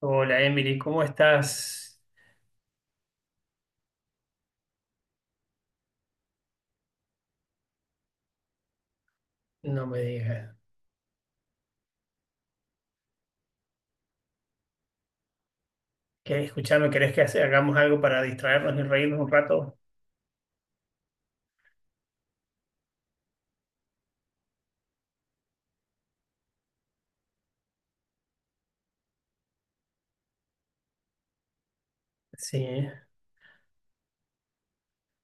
Hola Emily, ¿cómo estás? No me digas. ¿Qué? Escuchame, ¿querés que hagamos algo para distraernos y reírnos un rato? Sí,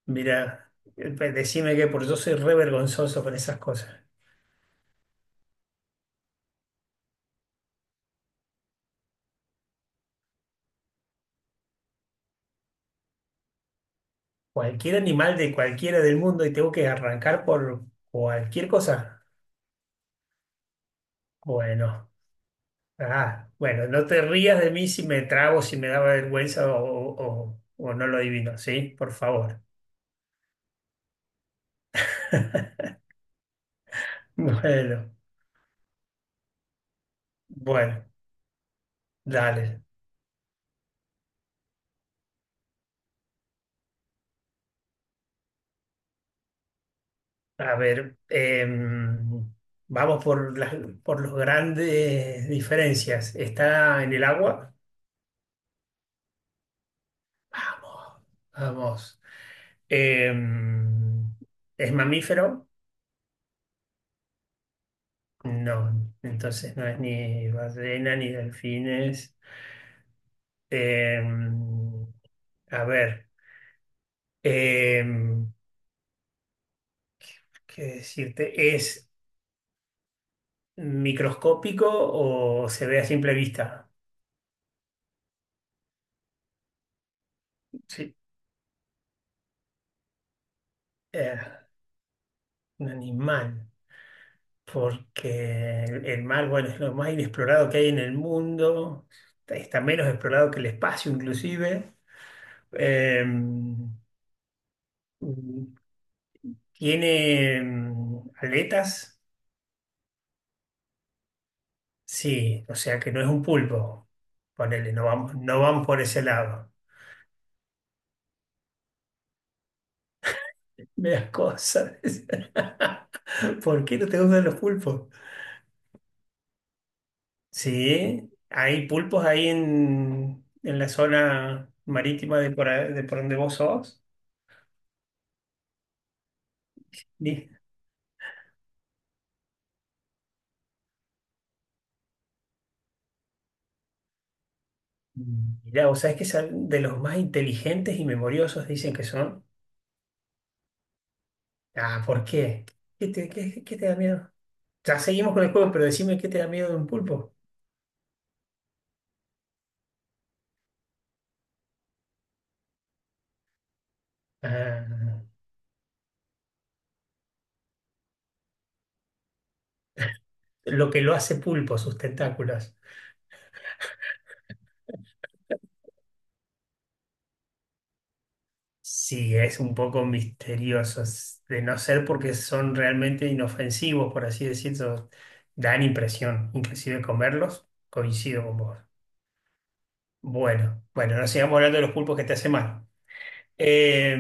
mira, decime que por yo soy re vergonzoso con esas cosas. Cualquier animal de cualquiera del mundo y tengo que arrancar por cualquier cosa. Bueno, bueno, no te rías de mí si me trabo, si me daba vergüenza o, o no lo adivino, ¿sí? Por favor. Bueno, bueno, dale. A ver, vamos por por las grandes diferencias. ¿Está en el agua? Vamos, vamos. Em, ¿Es mamífero? No, entonces no es ni ballena ni delfines. Em, a ver, em, ¿qué decirte? ¿Es microscópico o se ve a simple vista? Sí, eh, un animal. Porque el mar, bueno, es lo más inexplorado que hay en el mundo, está menos explorado que el espacio inclusive. Eh, tiene aletas, sí, o sea que no es un pulpo. Ponele, no vamos, no van por ese lado. Me das cosas. ¿Por qué no te gustan los pulpos? Sí, hay pulpos ahí en la zona marítima de por, de por donde vos sos. Mirá, vos sabés que son de los más inteligentes y memoriosos, dicen que son. Ah, ¿por qué? ¿Qué te, qué te da miedo? Ya seguimos con el juego, pero decime qué te da miedo de un pulpo. Ah, lo que lo hace pulpo, sus tentáculos. Sí, es un poco misterioso, de no ser porque son realmente inofensivos, por así decirlo, dan impresión, inclusive comerlos, coincido con vos. Bueno, bueno, no sigamos hablando de los pulpos que te hacen mal. Eh,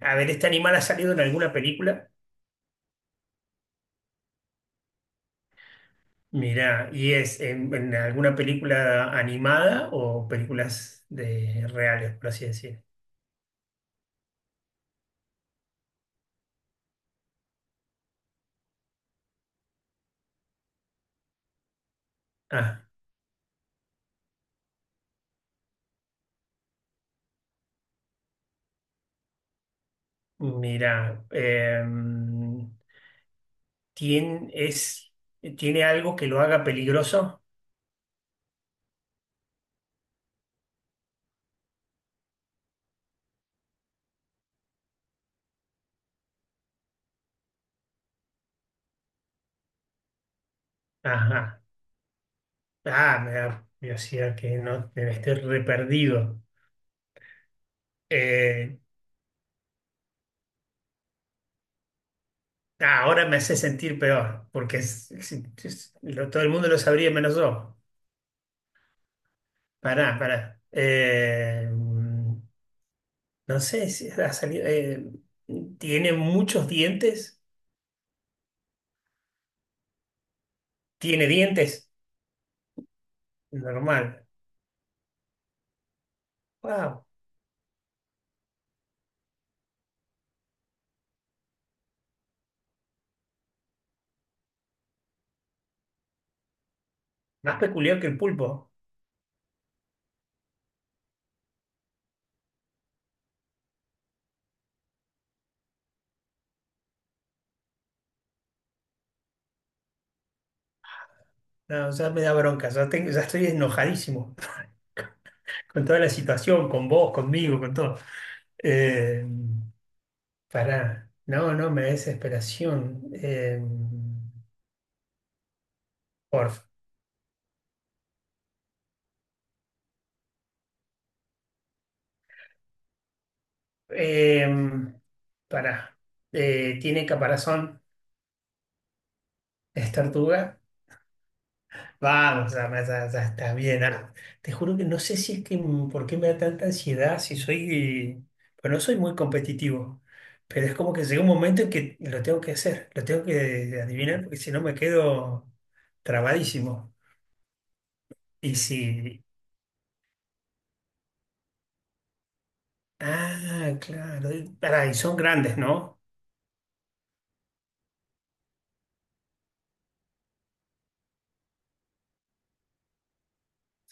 a ver, ¿este animal ha salido en alguna película? Mirá, ¿y es en alguna película animada o películas de reales, por así decir? Ah, mira, es, ¿tiene algo que lo haga peligroso? Ajá. Ah, me da curiosidad que no que me esté re perdido. Eh, ahora me hace sentir peor, porque todo el mundo lo sabría menos yo. Pará, pará. Em, No sé si ha salido. Tiene muchos dientes. Tiene dientes. Normal. Wow. Más peculiar que el pulpo. No, ya me da bronca. Ya, ya estoy enojadísimo con toda la situación, con vos, conmigo, con todo. Eh, pará. No, no, me da desesperación. Porfa. Eh, pará. Tiene caparazón. Es tortuga. Vamos, ya está bien. Ah, te juro que no sé si es que por qué me da tanta ansiedad, si soy, pues no soy muy competitivo, pero es como que llega un momento en que lo tengo que hacer, lo tengo que adivinar, porque si no me quedo trabadísimo. Y si, ah, claro, y pará, y son grandes, ¿no?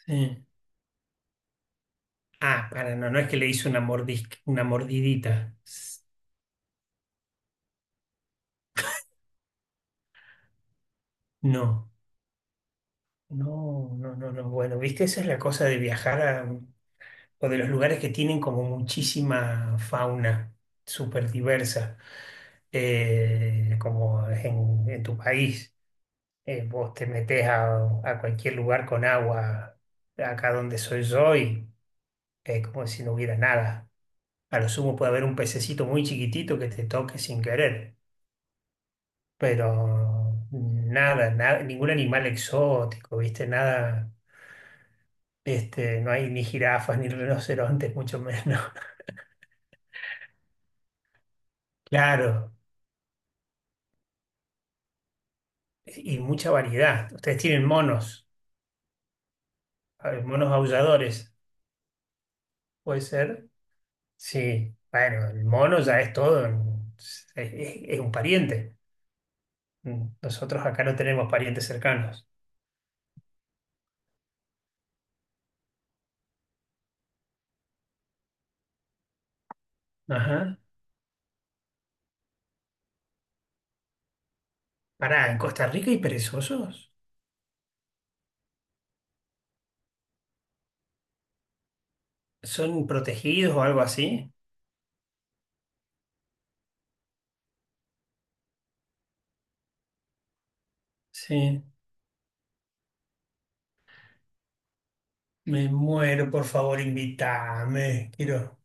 Sí. Ah, para, no, no es que le hice una una mordidita. No, no, no, no, no. Bueno, viste, esa es la cosa de viajar o de los lugares que tienen como muchísima fauna súper diversa, como es en tu país. Vos te metés a cualquier lugar con agua, acá donde soy yo, y es como si no hubiera nada. A lo sumo puede haber un pececito muy chiquitito que te toque sin querer, pero nada, nada, ningún animal exótico, ¿viste? Nada, este, no hay ni jirafas, ni rinocerontes, mucho menos. Claro, y mucha variedad. Ustedes tienen monos, a ver, monos aulladores, ¿puede ser? Sí, bueno, el mono ya es todo, es, es- es un pariente. Nosotros acá no tenemos parientes cercanos. Ajá. Pará, ¿en Costa Rica hay perezosos? ¿Son protegidos o algo así? Sí, me muero, por favor, invítame. Quiero.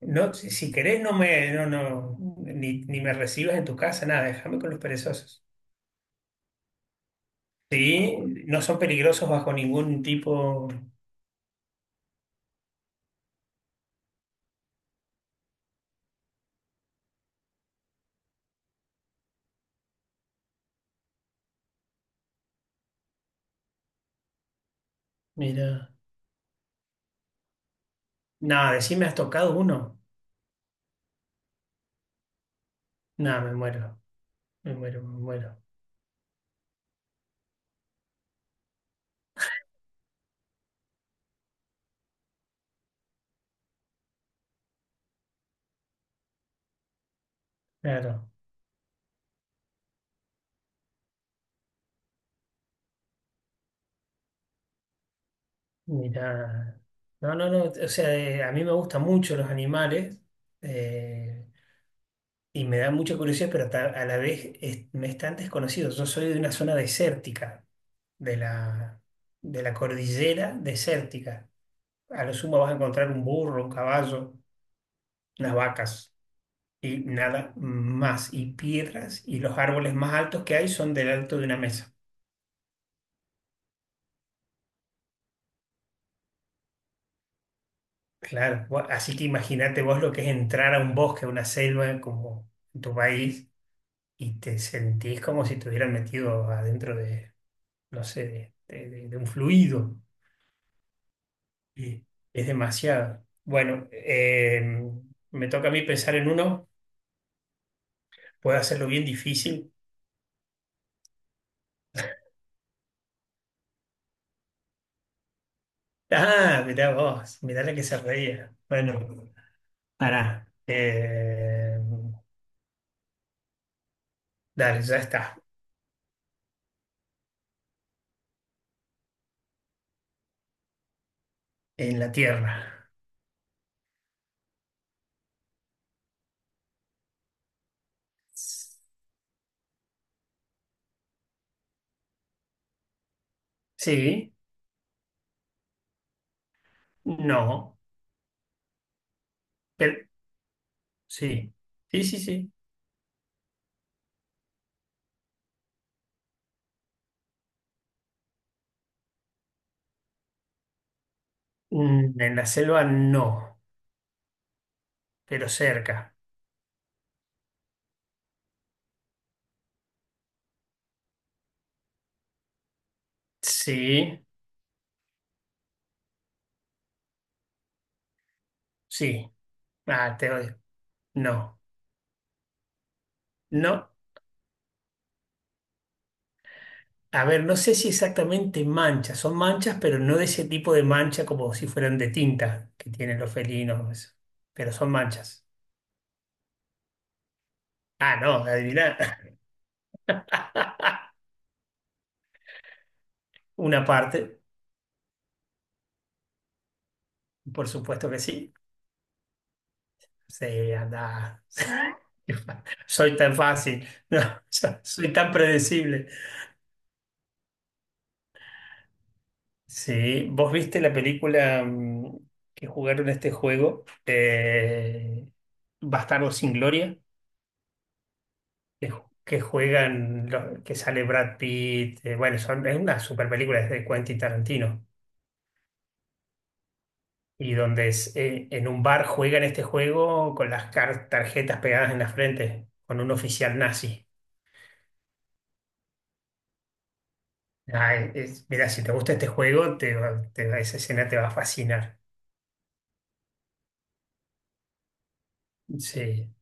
No, si, si querés, no me, no, no, ni, ni me recibas en tu casa, nada, déjame con los perezosos. Sí, no son peligrosos bajo ningún tipo. Mira. Nada, decime, ¿has tocado uno? Nada, me muero, me muero, me muero. Claro, mira. No, no, no. O sea, a mí me gustan mucho los animales eh, y me da mucha curiosidad, pero a la vez me es tan desconocido. Yo soy de una zona desértica, de la, de la cordillera desértica. A lo sumo vas a encontrar un burro, un caballo, unas vacas. Y nada más. Y piedras y los árboles más altos que hay son del alto de una mesa. Claro, así que imagínate vos lo que es entrar a un bosque, a una selva como en tu país y te sentís como si te hubieran metido adentro no sé, de un fluido. Y es demasiado. Bueno, me toca a mí pensar en uno, puedo hacerlo bien difícil. Ah, mirá vos, mirá la que se reía. Bueno, pará. Dale, ya está. En la Tierra. Sí, no, pero sí. Sí, sí, sí. Mm, en la selva no, pero cerca. Sí, sí. Ah, te odio. No, no. A ver, no sé si exactamente manchas. Son manchas, pero no de ese tipo de mancha como si fueran de tinta que tienen los felinos. Eso. Pero son manchas. Ah, no, adivina. Una parte, por supuesto que sí. Sí, anda. Soy tan fácil, no, soy tan predecible. Sí, ¿vos viste la película que jugaron este juego? Bastardos sin Gloria, que, que juegan, que sale Brad Pitt, bueno, son, es una super película de Quentin Tarantino, y donde es, en un bar juegan este juego con las tarjetas pegadas en la frente, con un oficial nazi. Ay, mira, si te gusta este juego, esa escena te va a fascinar. Sí.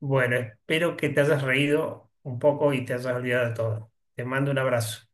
Bueno, espero que te hayas reído un poco y te hayas olvidado de todo. Te mando un abrazo.